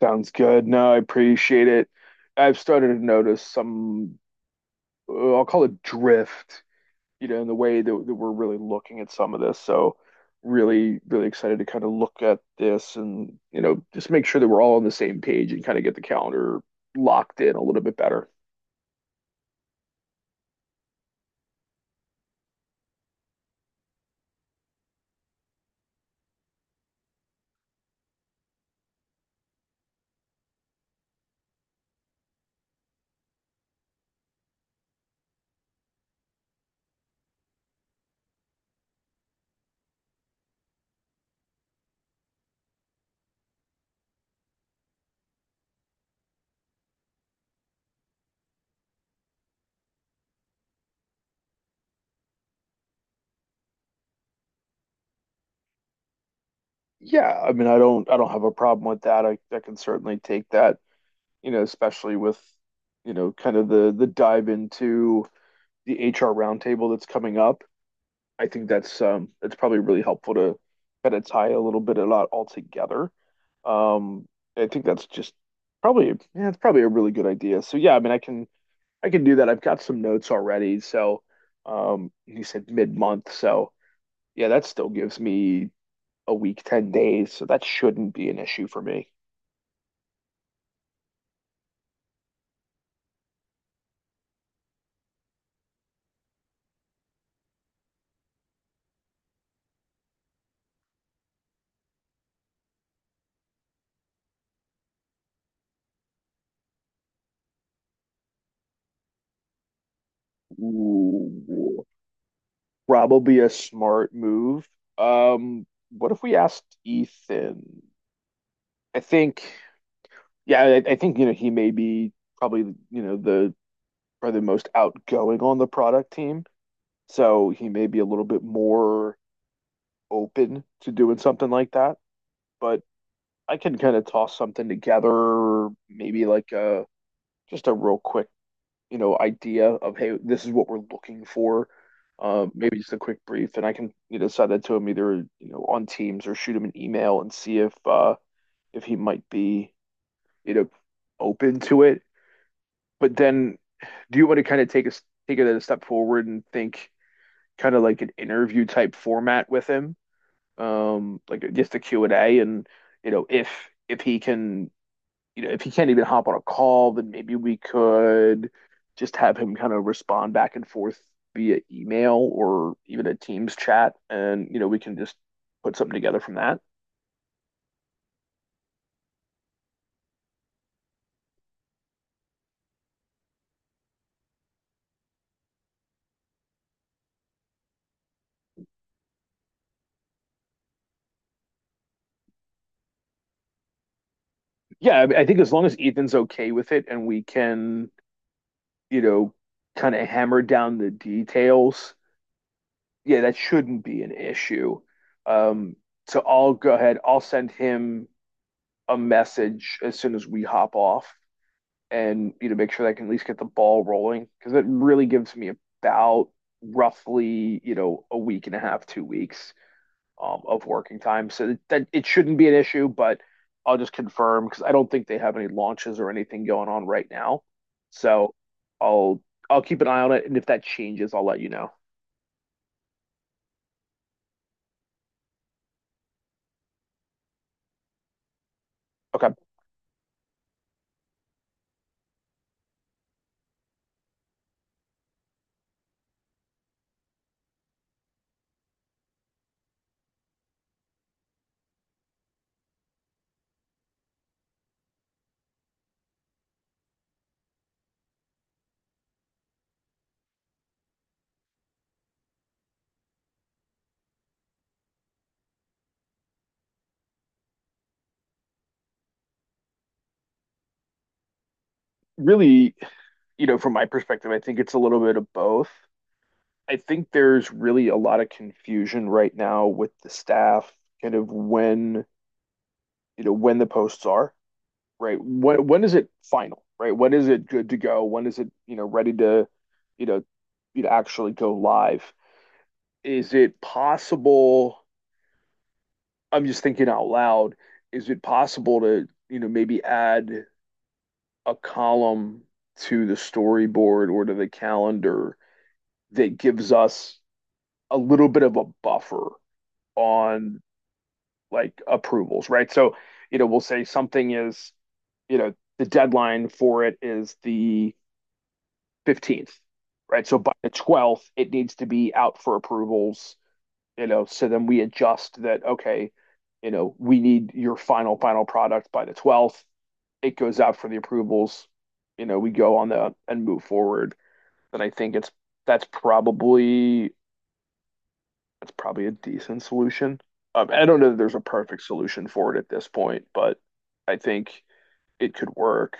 Sounds good. No, I appreciate it. I've started to notice some, I'll call it drift, you know, in the way that we're really looking at some of this. So, really, really excited to kind of look at this and, you know, just make sure that we're all on the same page and kind of get the calendar locked in a little bit better. Yeah, I mean, I don't have a problem with that. I can certainly take that, you know, especially with, you know, kind of the dive into the HR roundtable that's coming up. I think that's it's probably really helpful to kind of tie a little bit of that all together. Um, I think that's just probably yeah, it's probably a really good idea. So yeah, I mean, I can do that. I've got some notes already. So you said mid-month, so yeah, that still gives me a week, 10 days. So that shouldn't be an issue for me. Ooh, probably a smart move. What if we asked Ethan? I think. Yeah, I think you know he may be probably you know the probably the most outgoing on the product team, so he may be a little bit more open to doing something like that. But I can kind of toss something together, maybe like a just a real quick you know idea of hey, this is what we're looking for. Maybe just a quick brief, and I can you know send it to him either you know on Teams or shoot him an email and see if if he might be you know open to it. But then do you want to kind of take it a step forward and think kind of like an interview type format with him, like just a Q and A, and you know if he can, you know, if he can't even hop on a call, then maybe we could just have him kind of respond back and forth via email or even a Teams chat, and you know we can just put something together from that. Yeah, I, mean, I think as long as Ethan's okay with it, and we can, you know, kind of hammer down the details yeah, that shouldn't be an issue. Um, so I'll go ahead. I'll send him a message as soon as we hop off, and you know, make sure that I can at least get the ball rolling because it really gives me about roughly you know a week and a half, 2 weeks of working time. So that it shouldn't be an issue, but I'll just confirm because I don't think they have any launches or anything going on right now. So I'll I'll keep an eye on it, and if that changes, I'll let you know. Okay. Really, you know, from my perspective, I think it's a little bit of both. I think there's really a lot of confusion right now with the staff, kind of when, you know, when the posts are, right? When is it final, right? When is it good to go? When is it, you know, ready to, you know, you know, actually go live? Is it possible? I'm just thinking out loud. Is it possible to, you know, maybe add a column to the storyboard or to the calendar that gives us a little bit of a buffer on like approvals, right? So, you know, we'll say something is, you know, the deadline for it is the 15th, right? So by the 12th, it needs to be out for approvals, you know, so then we adjust that, okay, you know, we need your final, final product by the 12th. It goes out for the approvals, you know, we go on the and move forward. And I think it's that's probably that's probably a decent solution. I don't know that there's a perfect solution for it at this point, but I think it could work.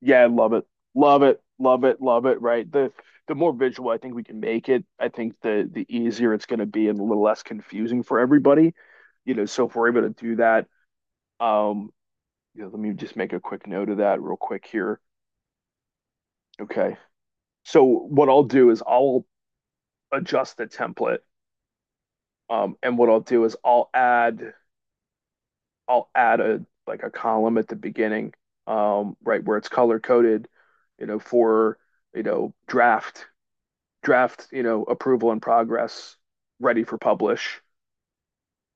Yeah, I love it. Love it. Love it. Love it. Right. The more visual I think we can make it, I think the easier it's going to be and a little less confusing for everybody. You know, so if we're able to do that, um, you know, let me just make a quick note of that real quick here. Okay. So what I'll do is I'll adjust the template. And what I'll do is I'll add a like a column at the beginning, right where it's color coded, you know, for, you know, draft, you know, approval and progress, ready for publish,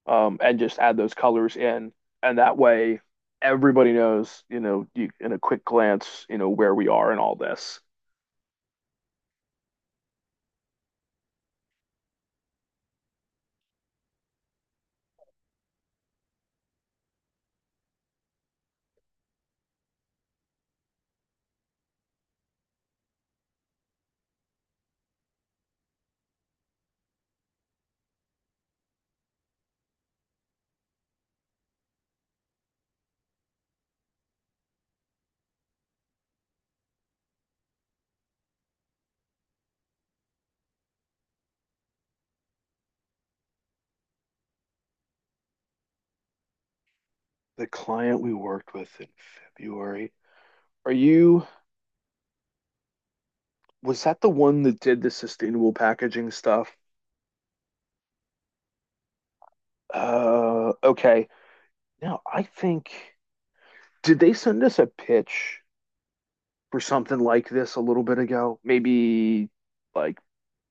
and just add those colors in. And that way everybody knows, you know, you in a quick glance, you know, where we are in all this. The client we worked with in February. Are you, was that the one that did the sustainable packaging stuff? Okay. Now I think did they send us a pitch for something like this a little bit ago? Maybe like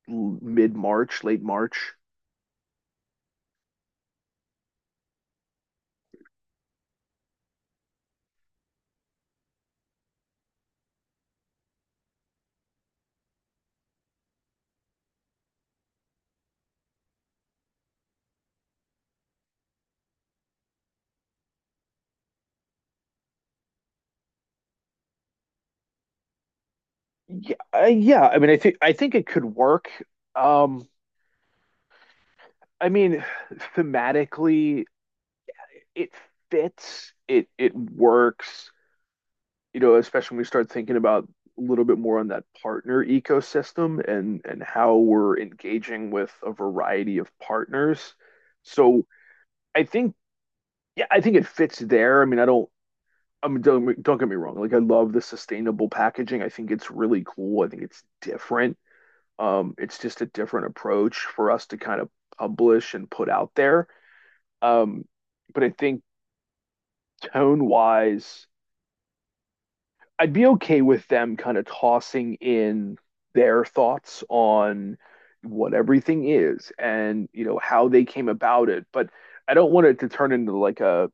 mid-March, late March. Yeah, yeah. I mean, I think it could work. Um, I mean, thematically, it fits. It works. You know, especially when we start thinking about a little bit more on that partner ecosystem and how we're engaging with a variety of partners. So I think, yeah, I think it fits there. I mean, I mean, don't get me wrong. Like I love the sustainable packaging. I think it's really cool. I think it's different. It's just a different approach for us to kind of publish and put out there. Um, but I think tone wise, I'd be okay with them kind of tossing in their thoughts on what everything is and you know how they came about it. But I don't want it to turn into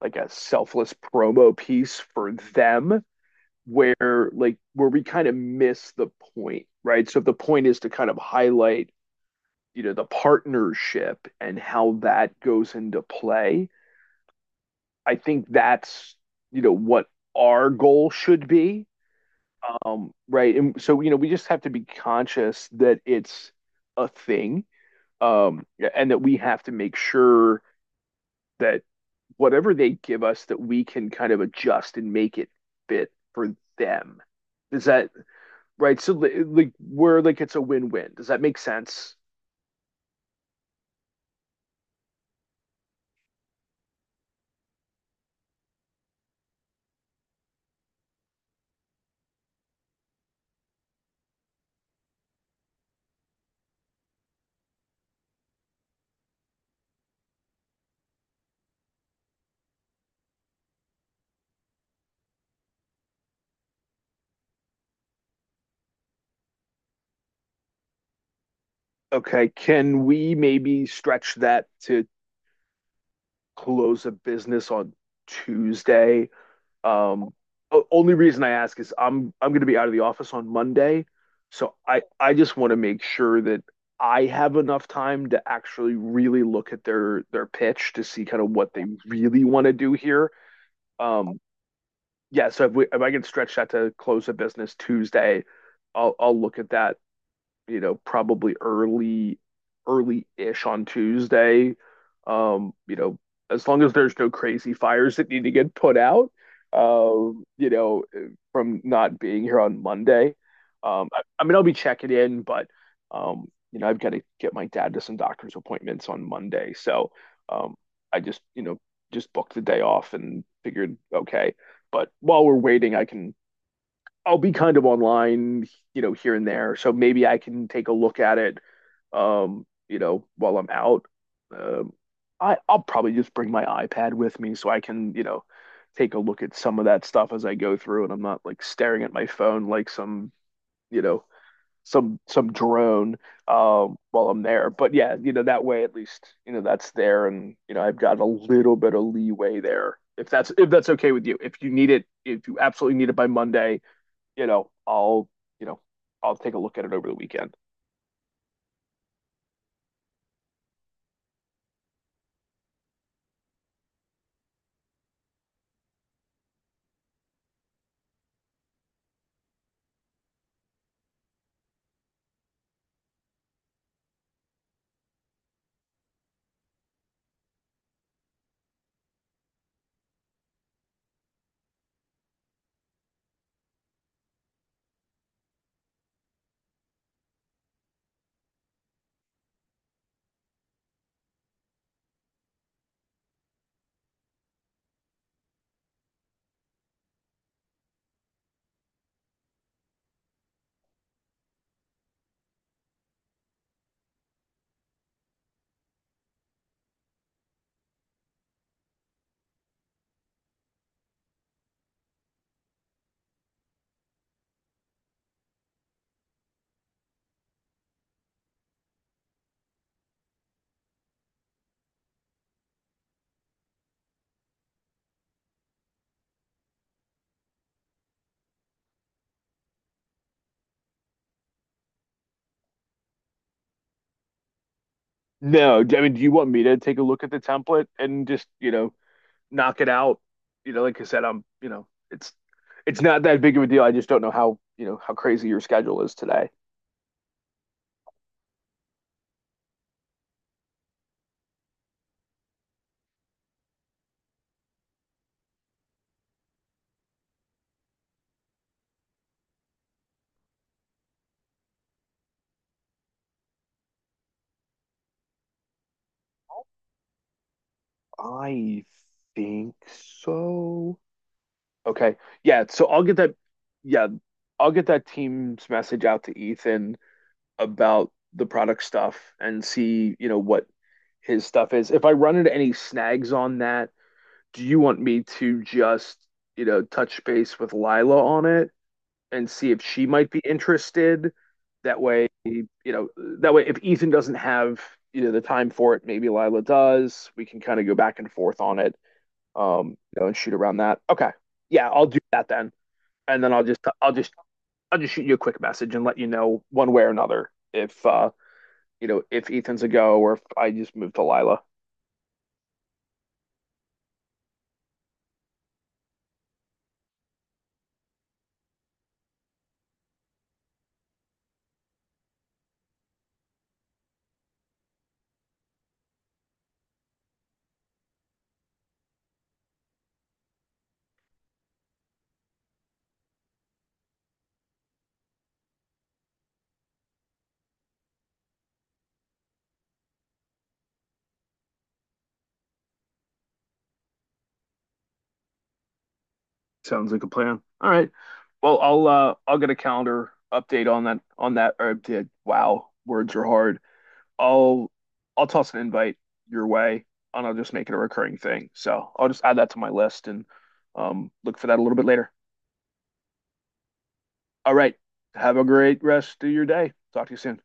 like a selfless promo piece for them where where we kind of miss the point, right? So if the point is to kind of highlight, you know, the partnership and how that goes into play, I think that's, you know, what our goal should be. Right. And so, you know, we just have to be conscious that it's a thing, um, and that we have to make sure that whatever they give us that we can kind of adjust and make it fit for them. Does that Right? So like we're like it's a win-win. Does that make sense? Okay, can we maybe stretch that to close a business on Tuesday? Um, only reason I ask is I'm going to be out of the office on Monday, so I just want to make sure that I have enough time to actually really look at their pitch to see kind of what they really want to do here. Um, yeah, so if I can stretch that to close a business Tuesday, I'll look at that you know, probably early, early-ish on Tuesday. You know, as long as there's no crazy fires that need to get put out, you know, from not being here on Monday. I mean, I'll be checking in, but you know, I've got to get my dad to some doctor's appointments on Monday, so um, I just, you know, just booked the day off and figured, okay. But while we're waiting, I'll be kind of online, you know, here and there. So maybe I can take a look at it, you know, while I'm out. Um, I'll probably just bring my iPad with me so I can, you know, take a look at some of that stuff as I go through, and I'm not like staring at my phone like some, you know, some drone while I'm there. But yeah, you know, that way at least, you know, that's there, and you know, I've got a little bit of leeway there. If that's okay with you, if you need it, if you absolutely need it by Monday you know, you know, I'll take a look at it over the weekend. No, I mean, do you want me to take a look at the template and just, you know, knock it out? You know, like I said, I'm, you know, it's not that big of a deal. I just don't know how, you know, how crazy your schedule is today. I think so. Okay. Yeah, so I'll get that yeah, I'll get that team's message out to Ethan about the product stuff and see, you know, what his stuff is. If I run into any snags on that, do you want me to just, you know, touch base with Lila on it and see if she might be interested? That way, you know, that way if Ethan doesn't have, you know, the time for it, maybe Lila does. We can kind of go back and forth on it, you know, and shoot around that. Okay. Yeah, I'll do that then. And then I'll just shoot you a quick message and let you know one way or another if you know, if Ethan's a go or if I just move to Lila. Sounds like a plan. All right. Well, I'll get a calendar update on that or update. Wow, words are hard. I'll I'll toss an invite your way and I'll just make it a recurring thing. So I'll just add that to my list and look for that a little bit later. All right. Have a great rest of your day. Talk to you soon.